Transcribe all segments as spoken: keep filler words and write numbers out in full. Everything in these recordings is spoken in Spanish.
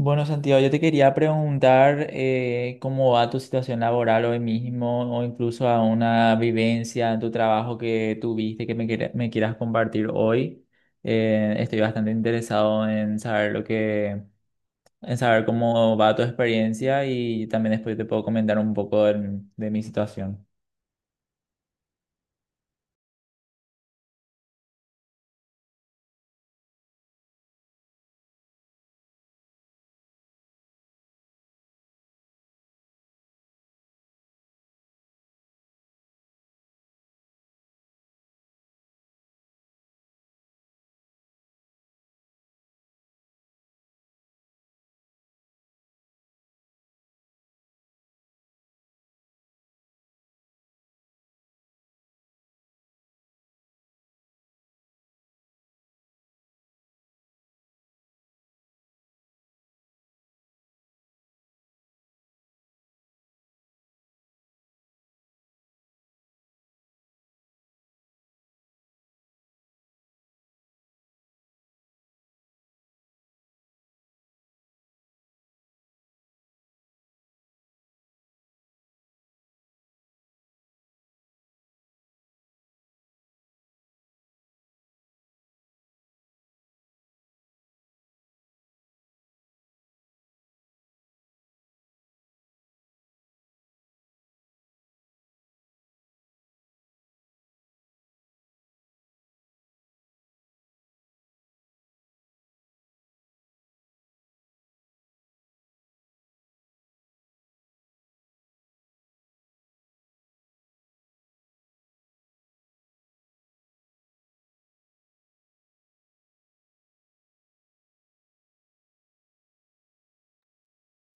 Bueno, Santiago, yo te quería preguntar eh, cómo va tu situación laboral hoy mismo o incluso a una vivencia en tu trabajo que tuviste que me, quiera- me quieras compartir hoy. Eh, estoy bastante interesado en saber lo que, en saber cómo va tu experiencia y también después te puedo comentar un poco de, de mi situación.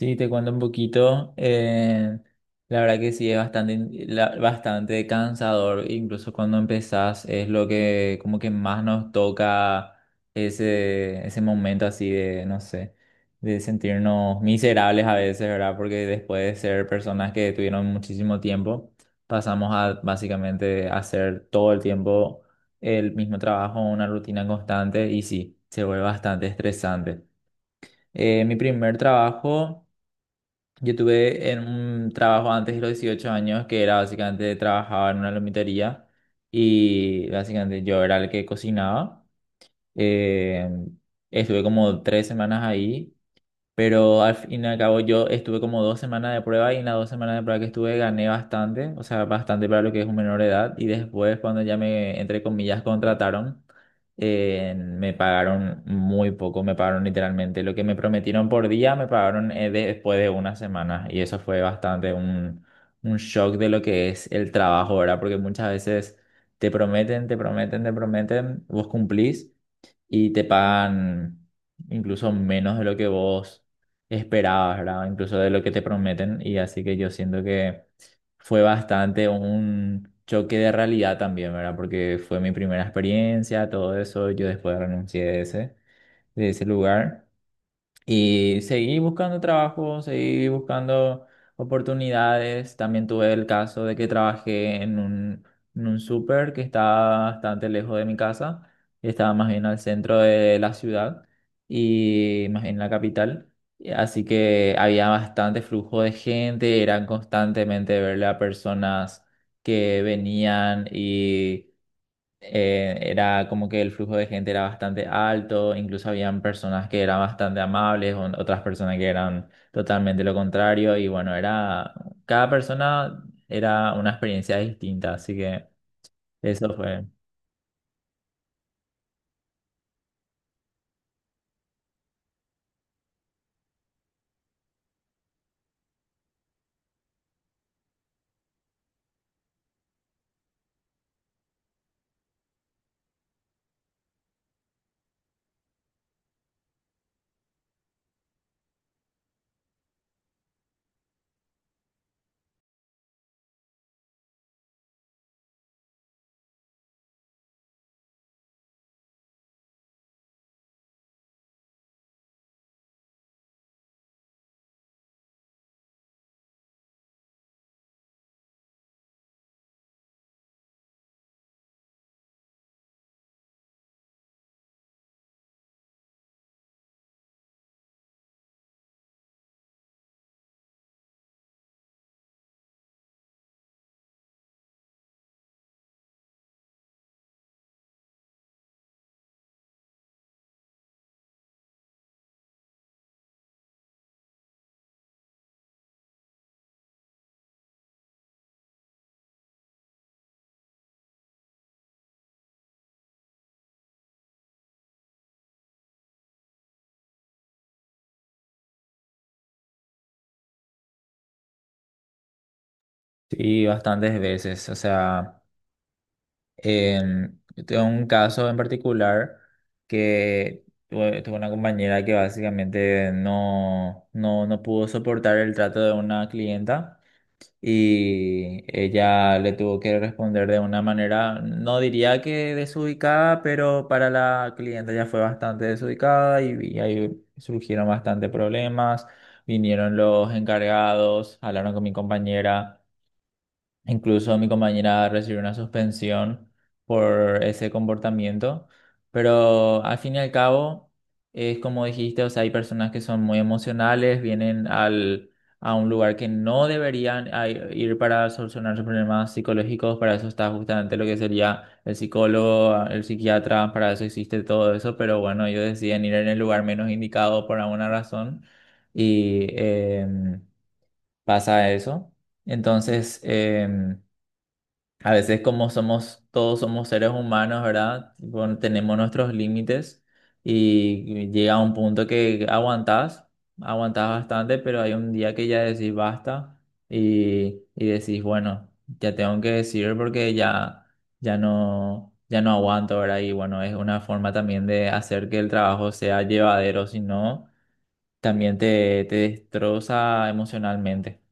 Sí, te cuento un poquito. Eh, la verdad que sí, es bastante, in- la- bastante cansador. Incluso cuando empezás es lo que como que más nos toca ese, ese momento así de, no sé, de sentirnos miserables a veces, ¿verdad? Porque después de ser personas que tuvieron muchísimo tiempo, pasamos a básicamente hacer todo el tiempo el mismo trabajo, una rutina constante y sí, se vuelve bastante estresante. Eh, mi primer trabajo... Yo tuve en un trabajo antes de los dieciocho años que era básicamente trabajaba en una lomitería y básicamente yo era el que cocinaba. Eh, Estuve como tres semanas ahí, pero al fin y al cabo yo estuve como dos semanas de prueba y en las dos semanas de prueba que estuve gané bastante, o sea, bastante para lo que es un menor de edad. Y después cuando ya me, entre comillas, contrataron, eh, me pagaron muy poco, me pagaron literalmente lo que me prometieron por día, me pagaron eh, de- después de una semana. Y eso fue bastante un, un shock de lo que es el trabajo, ¿verdad? Porque muchas veces te prometen, te prometen, te prometen, vos cumplís y te pagan incluso menos de lo que vos esperabas, ¿verdad? Incluso de lo que te prometen. Y así que yo siento que fue bastante un choque de realidad también, ¿verdad? Porque fue mi primera experiencia, todo eso. Yo después renuncié de ese, de ese lugar. Y seguí buscando trabajo, seguí buscando oportunidades. También tuve el caso de que trabajé en un, en un súper que estaba bastante lejos de mi casa. Estaba más bien al centro de la ciudad y más en la capital. Y así que había bastante flujo de gente, eran constantemente verle a personas que venían, eh, era como que el flujo de gente era bastante alto, incluso habían personas que eran bastante amables, o- otras personas que eran totalmente lo contrario, y bueno, era, cada persona era una experiencia distinta, así que eso fue. Sí, bastantes veces, o sea, en, yo tengo un caso en particular que tuve, tuve una compañera que básicamente no, no, no pudo soportar el trato de una clienta. Y ella le tuvo que responder de una manera, no diría que desubicada, pero para la cliente ya fue bastante desubicada y, y ahí surgieron bastante problemas. Vinieron los encargados, hablaron con mi compañera. Incluso mi compañera recibió una suspensión por ese comportamiento, pero al fin y al cabo es como dijiste, o sea, hay personas que son muy emocionales, vienen al, a un lugar que no deberían a- ir para solucionar sus problemas psicológicos, para eso está justamente lo que sería el psicólogo, el psiquiatra, para eso existe todo eso, pero bueno, ellos deciden ir en el lugar menos indicado por alguna razón y em, pasa eso. Entonces, em, a veces como somos, todos somos seres humanos, ¿verdad? Bueno, tenemos nuestros límites y llega un punto que aguantás, aguantás bastante, pero hay un día que ya decís basta y, y decís, bueno, ya tengo que decir porque ya, ya no, ya no aguanto, ¿verdad? Y bueno, es una forma también de hacer que el trabajo sea llevadero, si no, también te, te destroza emocionalmente.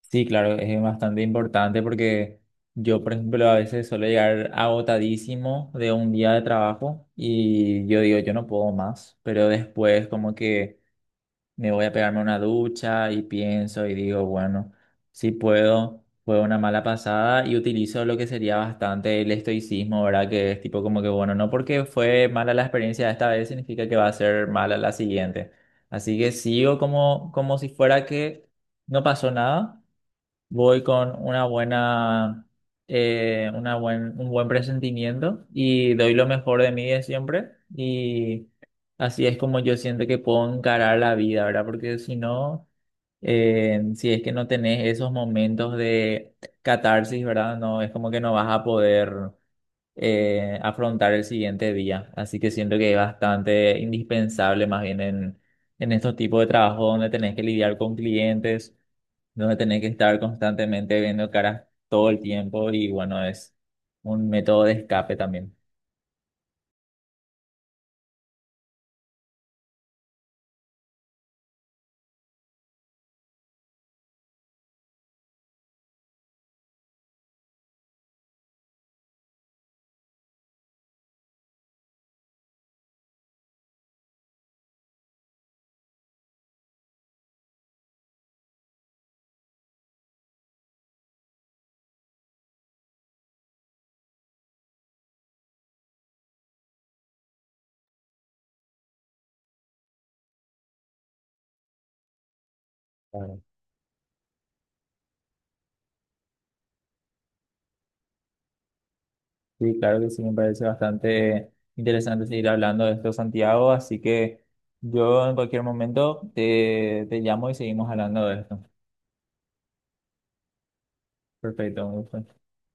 Sí, claro, es bastante importante porque yo, por ejemplo, a veces suelo llegar agotadísimo de un día de trabajo y yo digo, yo no puedo más, pero después como que me voy a pegarme una ducha y pienso y digo, bueno, sí puedo, fue una mala pasada y utilizo lo que sería bastante el estoicismo, ¿verdad? Que es tipo como que, bueno, no porque fue mala la experiencia de esta vez significa que va a ser mala la siguiente. Así que sigo como, como si fuera que no pasó nada, voy con una buena, eh, una buen, un buen presentimiento y doy lo mejor de mí de siempre. Y así es como yo siento que puedo encarar la vida, ¿verdad? Porque si no, eh, si es que no tenés esos momentos de catarsis, ¿verdad? No, es como que no vas a poder eh, afrontar el siguiente día. Así que siento que es bastante indispensable más bien en, en estos tipos de trabajo donde tenés que lidiar con clientes, donde tenés que estar constantemente viendo caras todo el tiempo y bueno, es un método de escape también. Claro. Sí, claro que sí, me parece bastante interesante seguir hablando de esto, Santiago, así que yo en cualquier momento te, te llamo y seguimos hablando de esto. Perfecto, un gusto.